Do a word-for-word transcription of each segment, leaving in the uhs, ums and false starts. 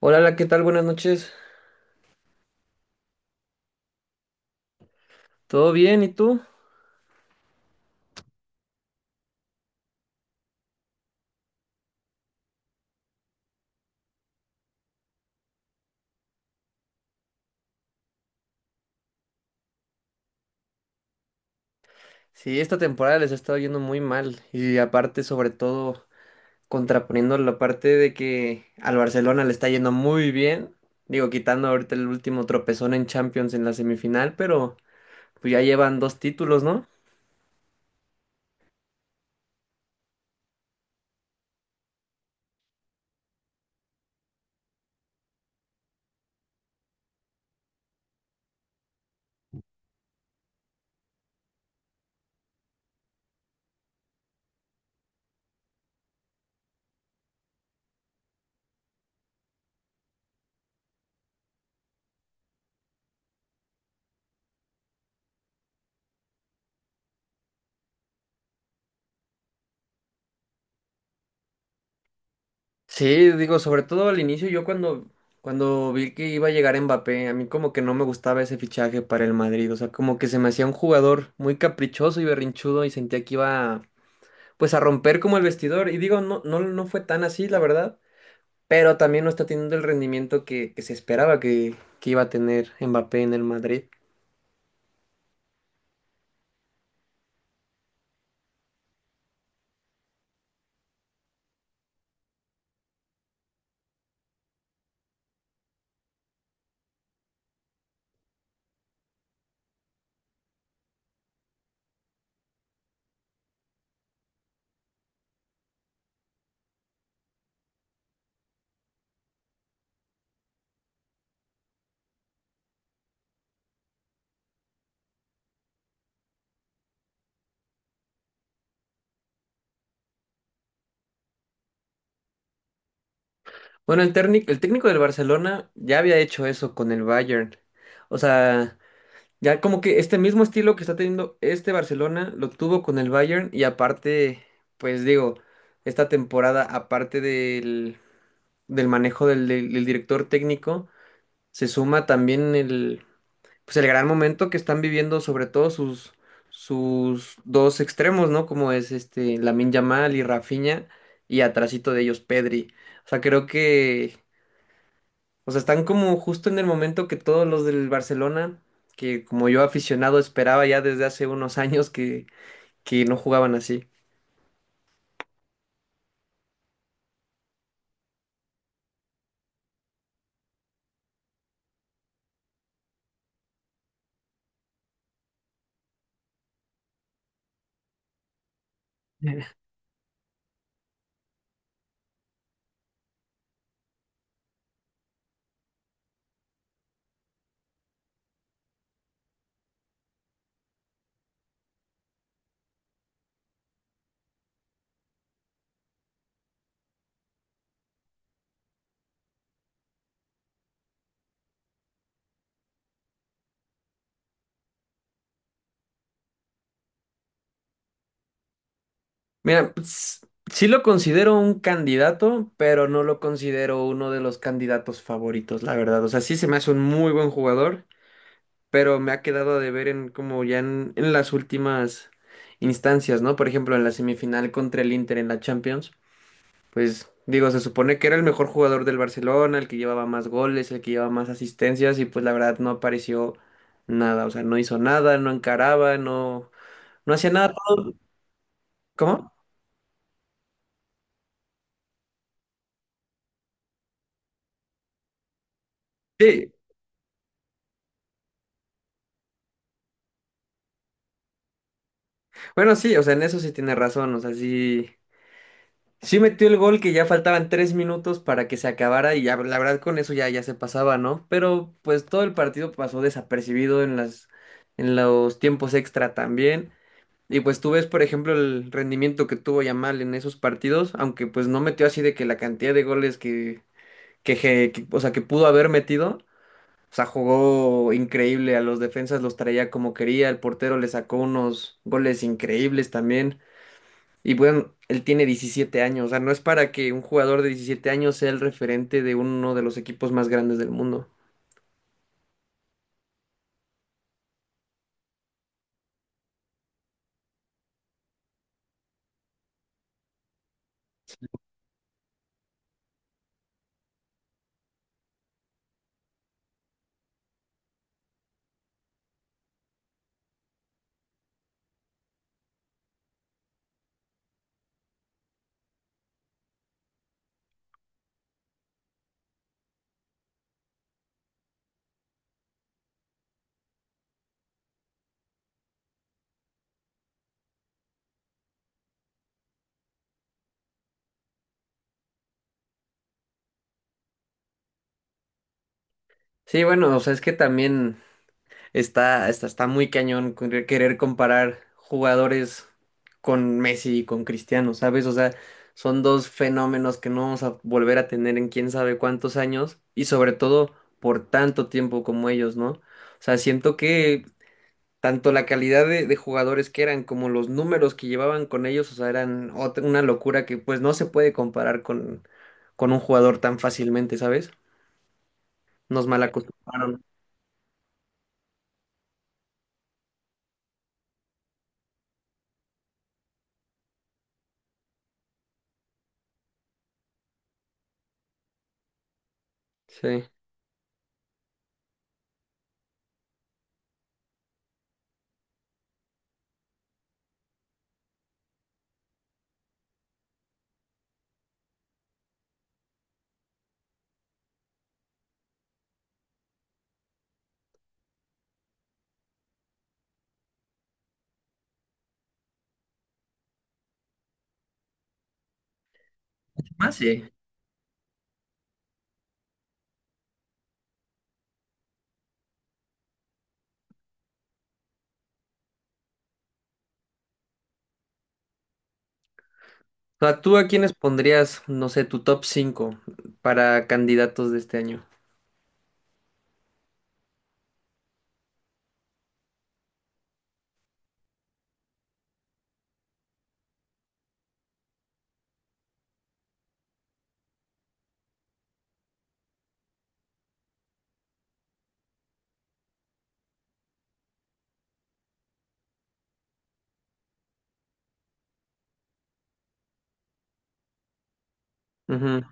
Hola, hola, ¿qué tal? Buenas noches. ¿Todo bien? ¿Y tú? Sí, esta temporada les ha estado yendo muy mal y aparte, sobre todo, contraponiendo la parte de que al Barcelona le está yendo muy bien, digo, quitando ahorita el último tropezón en Champions en la semifinal, pero pues ya llevan dos títulos, ¿no? Sí, digo, sobre todo al inicio yo cuando cuando vi que iba a llegar Mbappé, a mí como que no me gustaba ese fichaje para el Madrid, o sea, como que se me hacía un jugador muy caprichoso y berrinchudo y sentía que iba pues a romper como el vestidor. Y digo, no, no, no fue tan así, la verdad, pero también no está teniendo el rendimiento que, que se esperaba que, que iba a tener Mbappé en el Madrid. Bueno, el técnico, el técnico del Barcelona ya había hecho eso con el Bayern. O sea, ya como que este mismo estilo que está teniendo este Barcelona lo tuvo con el Bayern y aparte, pues digo, esta temporada, aparte del, del manejo del del- del director técnico, se suma también el pues el gran momento que están viviendo sobre todo sus, sus dos extremos, ¿no? Como es este Lamine Yamal y Rafinha y atrasito de ellos Pedri. O sea, creo que, o sea, están como justo en el momento que todos los del Barcelona, que como yo aficionado esperaba ya desde hace unos años que, que no jugaban así. Mira, pues, sí lo considero un candidato, pero no lo considero uno de los candidatos favoritos, la verdad. O sea, sí se me hace un muy buen jugador, pero me ha quedado de ver en como ya en, en las últimas instancias, ¿no? Por ejemplo, en la semifinal contra el Inter en la Champions, pues digo, se supone que era el mejor jugador del Barcelona, el que llevaba más goles, el que llevaba más asistencias y pues la verdad no apareció nada, o sea, no hizo nada, no encaraba, no no hacía nada. todo- ¿Cómo? Sí. Bueno, sí, o sea, en eso sí tiene razón, o sea, sí Sí metió el gol que ya faltaban tres minutos para que se acabara y ya, la verdad con eso ya, ya se pasaba, ¿no? Pero pues todo el partido pasó desapercibido en las, en los tiempos extra también. Y pues tú ves, por ejemplo, el rendimiento que tuvo Yamal en esos partidos, aunque pues no metió así de que la cantidad de goles que, que, je- que- o sea, que pudo haber metido, o sea, jugó increíble, a los defensas los traía como quería, el portero le sacó unos goles increíbles también. Y bueno, él tiene diecisiete años, o sea, no es para que un jugador de diecisiete años sea el referente de uno de los equipos más grandes del mundo. Sí, bueno, o sea, es que también está, está, está muy cañón con que- querer comparar jugadores con Messi y con Cristiano, ¿sabes? O sea, son dos fenómenos que no vamos a volver a tener en quién sabe cuántos años y sobre todo por tanto tiempo como ellos, ¿no? O sea, siento que tanto la calidad de, de jugadores que eran como los números que llevaban con ellos, o sea, eran ot- una locura que pues no se puede comparar con, con un jugador tan fácilmente, ¿sabes? Nos malacostumbraron. Sí. Más sí. O sea, ¿tú a quiénes pondrías, no sé, tu top cinco para candidatos de este año? Ujú.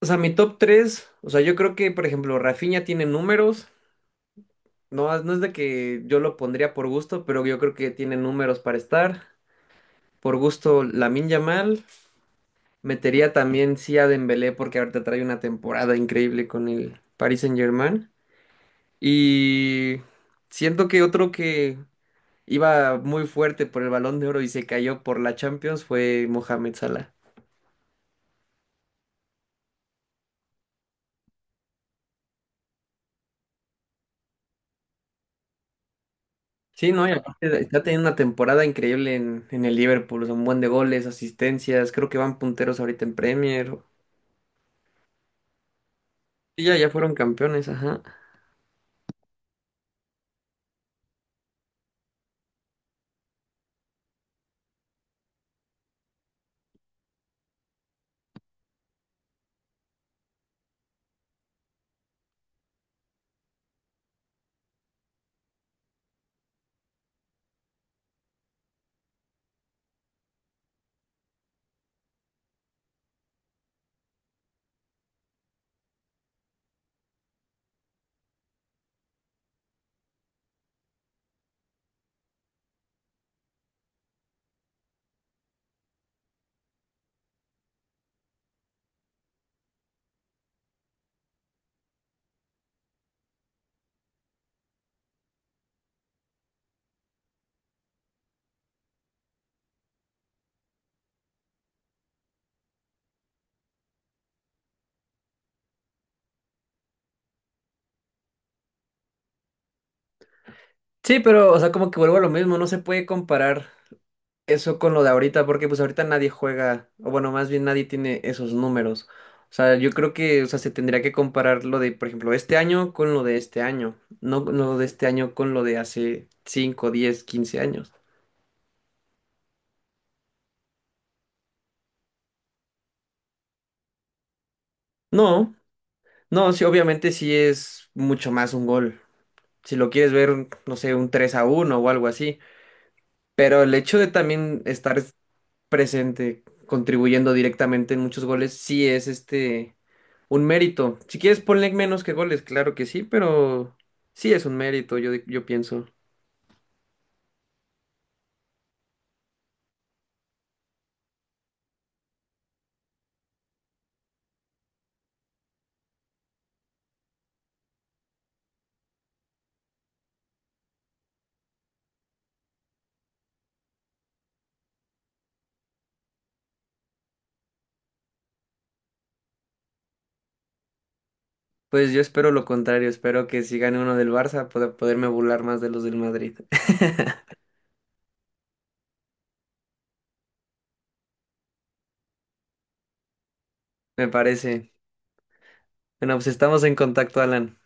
O sea, mi top tres, o sea, yo creo que, por ejemplo, Rafinha tiene números. No, no es de que yo lo pondría por gusto, pero yo creo que tiene números para estar. Por gusto, Lamine Yamal. Metería también sí a Dembélé porque ahorita trae una temporada increíble con el Paris Saint-Germain. Y siento que otro que iba muy fuerte por el Balón de Oro y se cayó por la Champions fue Mohamed Salah. Sí, no, y aparte está teniendo una temporada increíble en, en el Liverpool, son buen de goles, asistencias, creo que van punteros ahorita en Premier. Sí, ya, ya fueron campeones, ajá. Sí, pero, o sea, como que vuelvo a lo mismo, no se puede comparar eso con lo de ahorita, porque pues ahorita nadie juega, o bueno, más bien nadie tiene esos números. O sea, yo creo que, o sea, se tendría que comparar lo de, por ejemplo, este año con lo de este año, no lo de este año con lo de hace cinco diez quince años. No, no, sí, obviamente sí es mucho más un gol. Si lo quieres ver, no sé, un tres a uno o algo así. Pero el hecho de también estar presente, contribuyendo directamente en muchos goles, sí es este un mérito. Si quieres, ponle menos que goles, claro que sí, pero sí es un mérito, yo, yo pienso. Pues yo espero lo contrario, espero que si gane uno del Barça pueda poderme burlar más de los del Madrid. Me parece. Bueno, pues estamos en contacto, Alan.